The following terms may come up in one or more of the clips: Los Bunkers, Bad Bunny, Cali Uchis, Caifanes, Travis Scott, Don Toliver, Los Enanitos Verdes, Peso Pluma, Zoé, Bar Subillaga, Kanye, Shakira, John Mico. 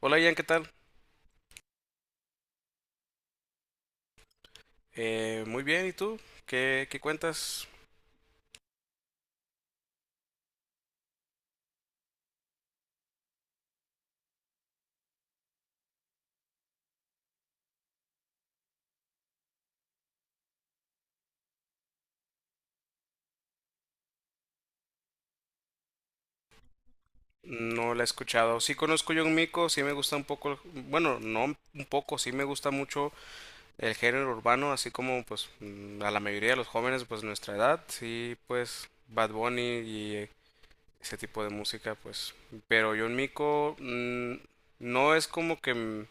Hola Ian, ¿qué tal? Muy bien, ¿y tú? ¿Qué cuentas? No la he escuchado. Sí conozco John Mico, sí me gusta un poco, bueno, no un poco, sí me gusta mucho el género urbano, así como pues a la mayoría de los jóvenes pues nuestra edad, sí pues Bad Bunny y ese tipo de música pues, pero John Mico, no es como que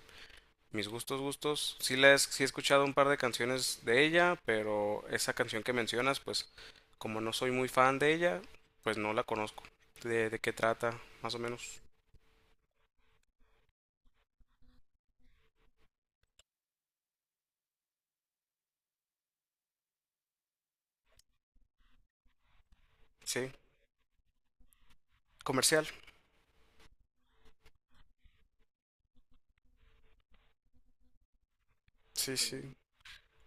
mis gustos, gustos. Sí, sí he escuchado un par de canciones de ella, pero esa canción que mencionas, pues como no soy muy fan de ella, pues no la conozco. ¿De qué trata? Más o menos. Sí, comercial. Sí, sí.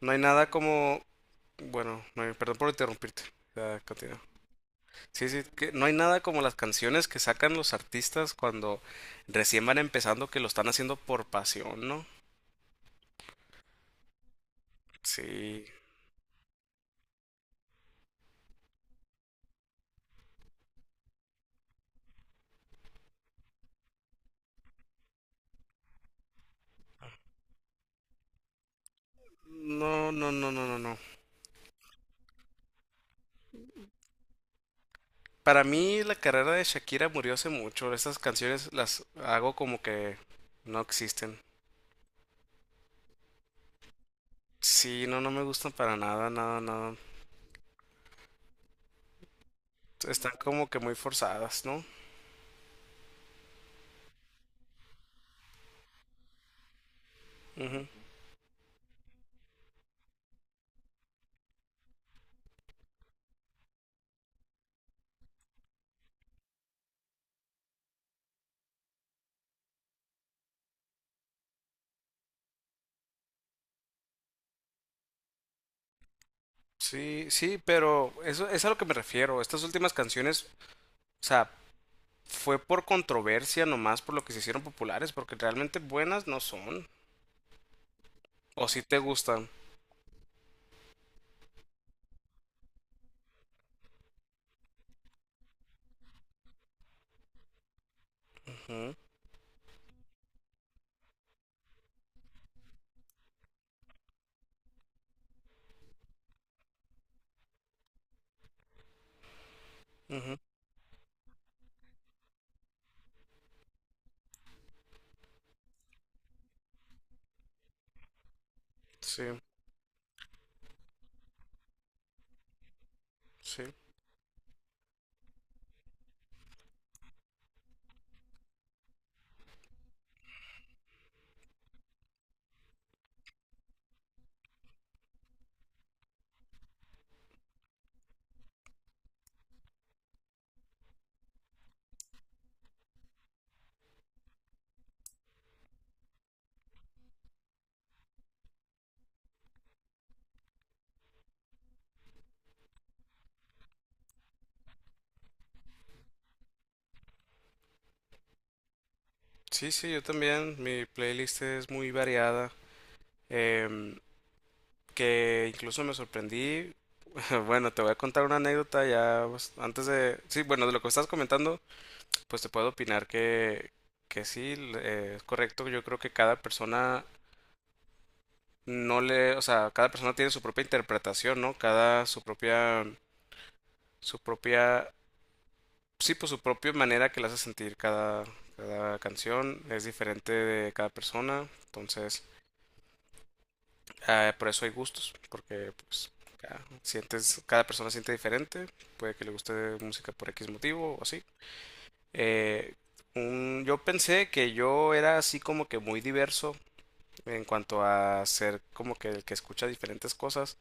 No hay nada como... Bueno, no hay- perdón por interrumpirte. Ya, continúa. Sí, sí, que no hay nada como las canciones que sacan los artistas cuando recién van empezando, que lo están haciendo por pasión, ¿no? Sí. No, no, no, no, no, no. Para mí la carrera de Shakira murió hace mucho. Estas canciones las hago como que no existen. Sí, no, no me gustan para nada, nada, nada. Están como que muy forzadas, ¿no? Ujú. Sí, sí, pero eso es a lo que me refiero. Estas últimas canciones, o sea, fue por controversia nomás, por lo que se hicieron populares, porque realmente buenas no son. O si te gustan. Ujú, ujú. Sí, sí. Sí, sí, yo también. Mi playlist es muy variada. Em, que incluso me sorprendí. Bueno, te voy a contar una anécdota ya pues, antes de... Sí, bueno, de lo que estás comentando, pues te puedo opinar que sí, es correcto. Yo creo que cada persona no le... O sea, cada persona tiene su propia interpretación, ¿no? Cada su propia... Su propia... Sí, pues su propia manera que le hace sentir cada, cada canción. Es diferente de cada persona. Entonces, ah, por eso hay gustos, porque pues cada persona siente diferente, puede que le guste música por X motivo o así. Eh, yo pensé que yo era así como que muy diverso en cuanto a ser como que el que escucha diferentes cosas.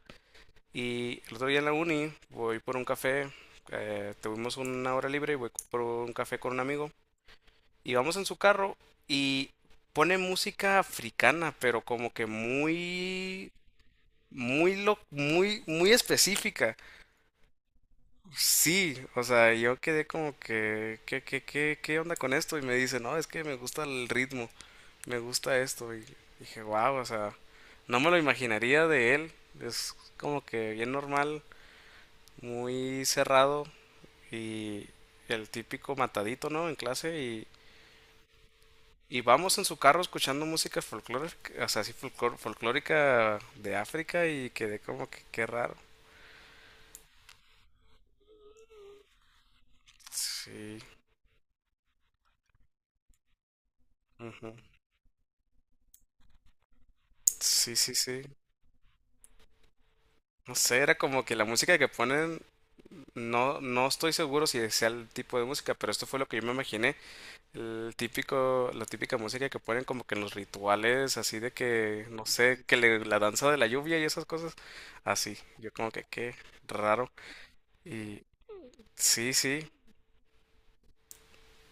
Y el otro día en la uni voy por un café, tuvimos una hora libre y voy por un café con un amigo. Y vamos en su carro y pone música africana, pero como que muy muy muy, muy específica. Sí, o sea, yo quedé como que, ¿qué, qué, qué, qué onda con esto? Y me dice, no, es que me gusta el ritmo, me gusta esto. Y dije, wow, o sea, no me lo imaginaría de él. Es como que bien normal, muy cerrado y el típico matadito, ¿no? En clase y vamos en su carro escuchando música folclórica, o sea, así folclórica de África, y quedé como que, qué raro. Sí. Sí, sí, sí. No sé, era como que la música que ponen, no, no estoy seguro si sea el tipo de música, pero esto fue lo que yo me imaginé. El típico, la típica música que ponen como que en los rituales, así de que, no sé, la danza de la lluvia y esas cosas. Así, yo como que qué raro. Y sí, sí,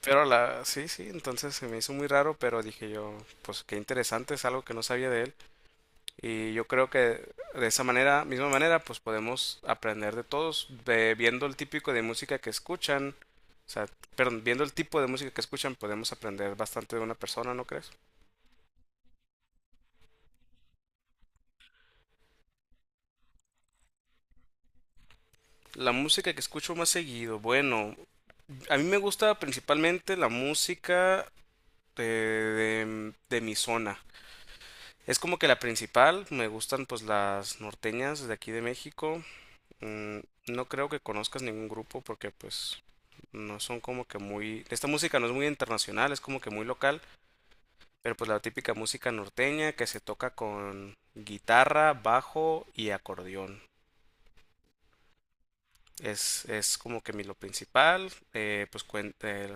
pero la, sí, sí, entonces se me hizo muy raro, pero dije yo, pues qué interesante, es algo que no sabía de él. Y yo creo que de esa manera, misma manera, pues podemos aprender de todos, viendo el típico de música que escuchan, o sea, perdón, viendo el tipo de música que escuchan, podemos aprender bastante de una persona, ¿no crees? La música que escucho más seguido, bueno, a mí me gusta principalmente la música de mi zona. Es como que la principal, me gustan pues las norteñas de aquí de México. Mm, no creo que conozcas ningún grupo porque pues no son como que muy, esta música no es muy internacional, es como que muy local, pero pues la típica música norteña que se toca con guitarra, bajo y acordeón. Es como que mi lo principal, pues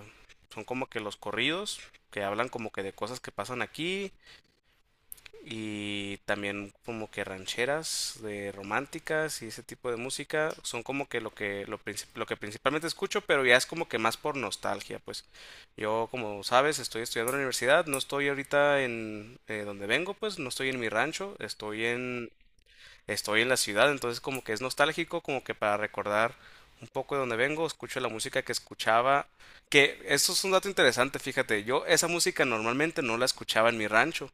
son como que los corridos que hablan como que de cosas que pasan aquí, y también como que rancheras de románticas y ese tipo de música son como que lo que principalmente escucho, pero ya es como que más por nostalgia, pues yo, como sabes, estoy estudiando en la universidad, no estoy ahorita en donde vengo, pues no estoy en mi rancho, estoy en estoy en la ciudad. Entonces como que es nostálgico, como que para recordar un poco de donde vengo, escucho la música que escuchaba. Que esto es un dato interesante, fíjate, yo esa música normalmente no la escuchaba en mi rancho,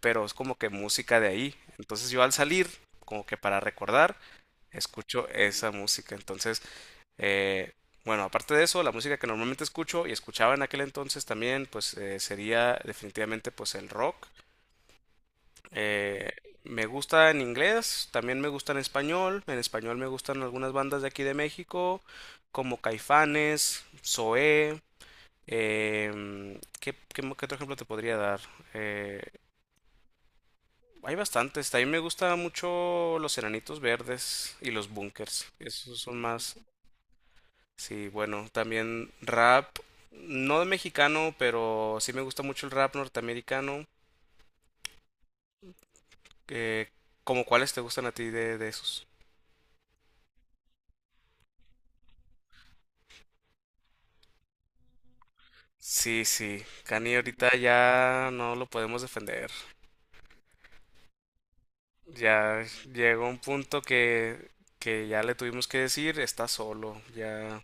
pero es como que música de ahí. Entonces yo al salir, como que para recordar, escucho esa música. Entonces, eh, bueno, aparte de eso, la música que normalmente escucho y escuchaba en aquel entonces también, pues sería definitivamente pues el rock. Eh, Me gusta en inglés, también me gusta en español. En español me gustan algunas bandas de aquí de México, como Caifanes, Zoé. ¿ Qué otro ejemplo te podría dar? Eh, Hay bastantes. A mí me gusta mucho Los Enanitos Verdes y Los Bunkers. Esos son más. Sí, bueno, también rap. No de mexicano, pero sí me gusta mucho el rap norteamericano. Eh, ¿Cómo cuáles te gustan a ti de esos? Sí, sí. Kanye ahorita ya no lo podemos defender. Ya llegó un punto que ya le tuvimos que decir, está solo. Ya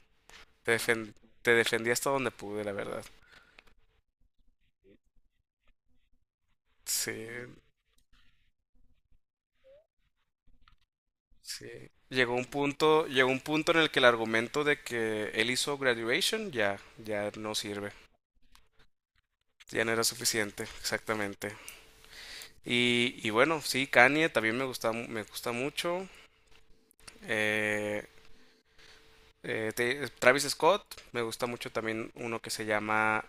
te defen- te defendí hasta donde pude, la verdad. Sí. Sí. Llegó un punto en el que el argumento de que él hizo Graduation ya, ya no sirve. Ya no era suficiente, exactamente. Y bueno, sí, Kanye también me me gusta mucho. Eh, Travis Scott, me gusta mucho también uno que se llama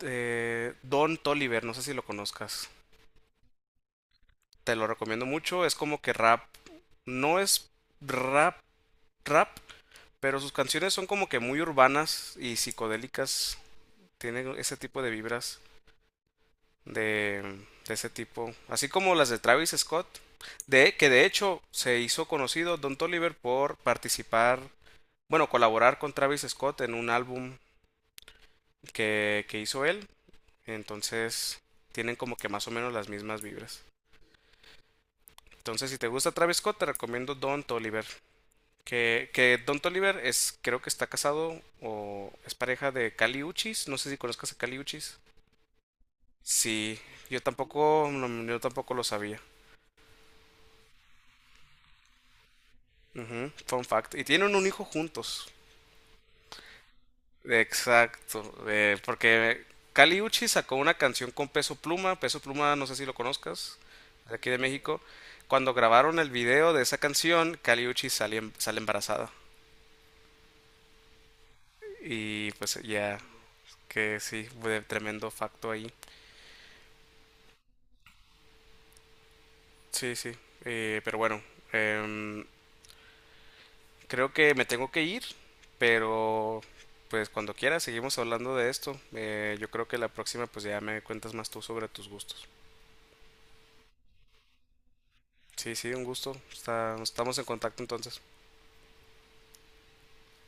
Don Toliver, no sé si lo conozcas. Te lo recomiendo mucho, es como que rap, no es rap, rap, pero sus canciones son como que muy urbanas y psicodélicas. Tiene ese tipo de vibras de, de ese tipo. Así como las de Travis Scott. De, que de hecho se hizo conocido Don Toliver por participar, bueno, colaborar con Travis Scott en un álbum que hizo él. Entonces tienen como que más o menos las mismas vibras. Entonces, si te gusta Travis Scott, te recomiendo Don Toliver. Que Don Toliver es, creo que está casado o es pareja de Cali Uchis. No sé si conozcas a Cali Uchis. Sí, yo tampoco, no, yo tampoco lo sabía. Ujú, fun fact. Y tienen un hijo juntos. Exacto. Porque Kali Uchi sacó una canción con Peso Pluma. Peso Pluma, no sé si lo conozcas, de aquí de México. Cuando grabaron el video de esa canción, Kali Uchi sale, sale embarazada. Y pues ya, que sí, fue tremendo facto ahí. Sí, sí. Pero bueno, em, creo que me tengo que ir, pero pues cuando quieras seguimos hablando de esto. Yo creo que la próxima pues ya me cuentas más tú sobre tus gustos. Sí, sí, un gusto. Estamos en contacto entonces.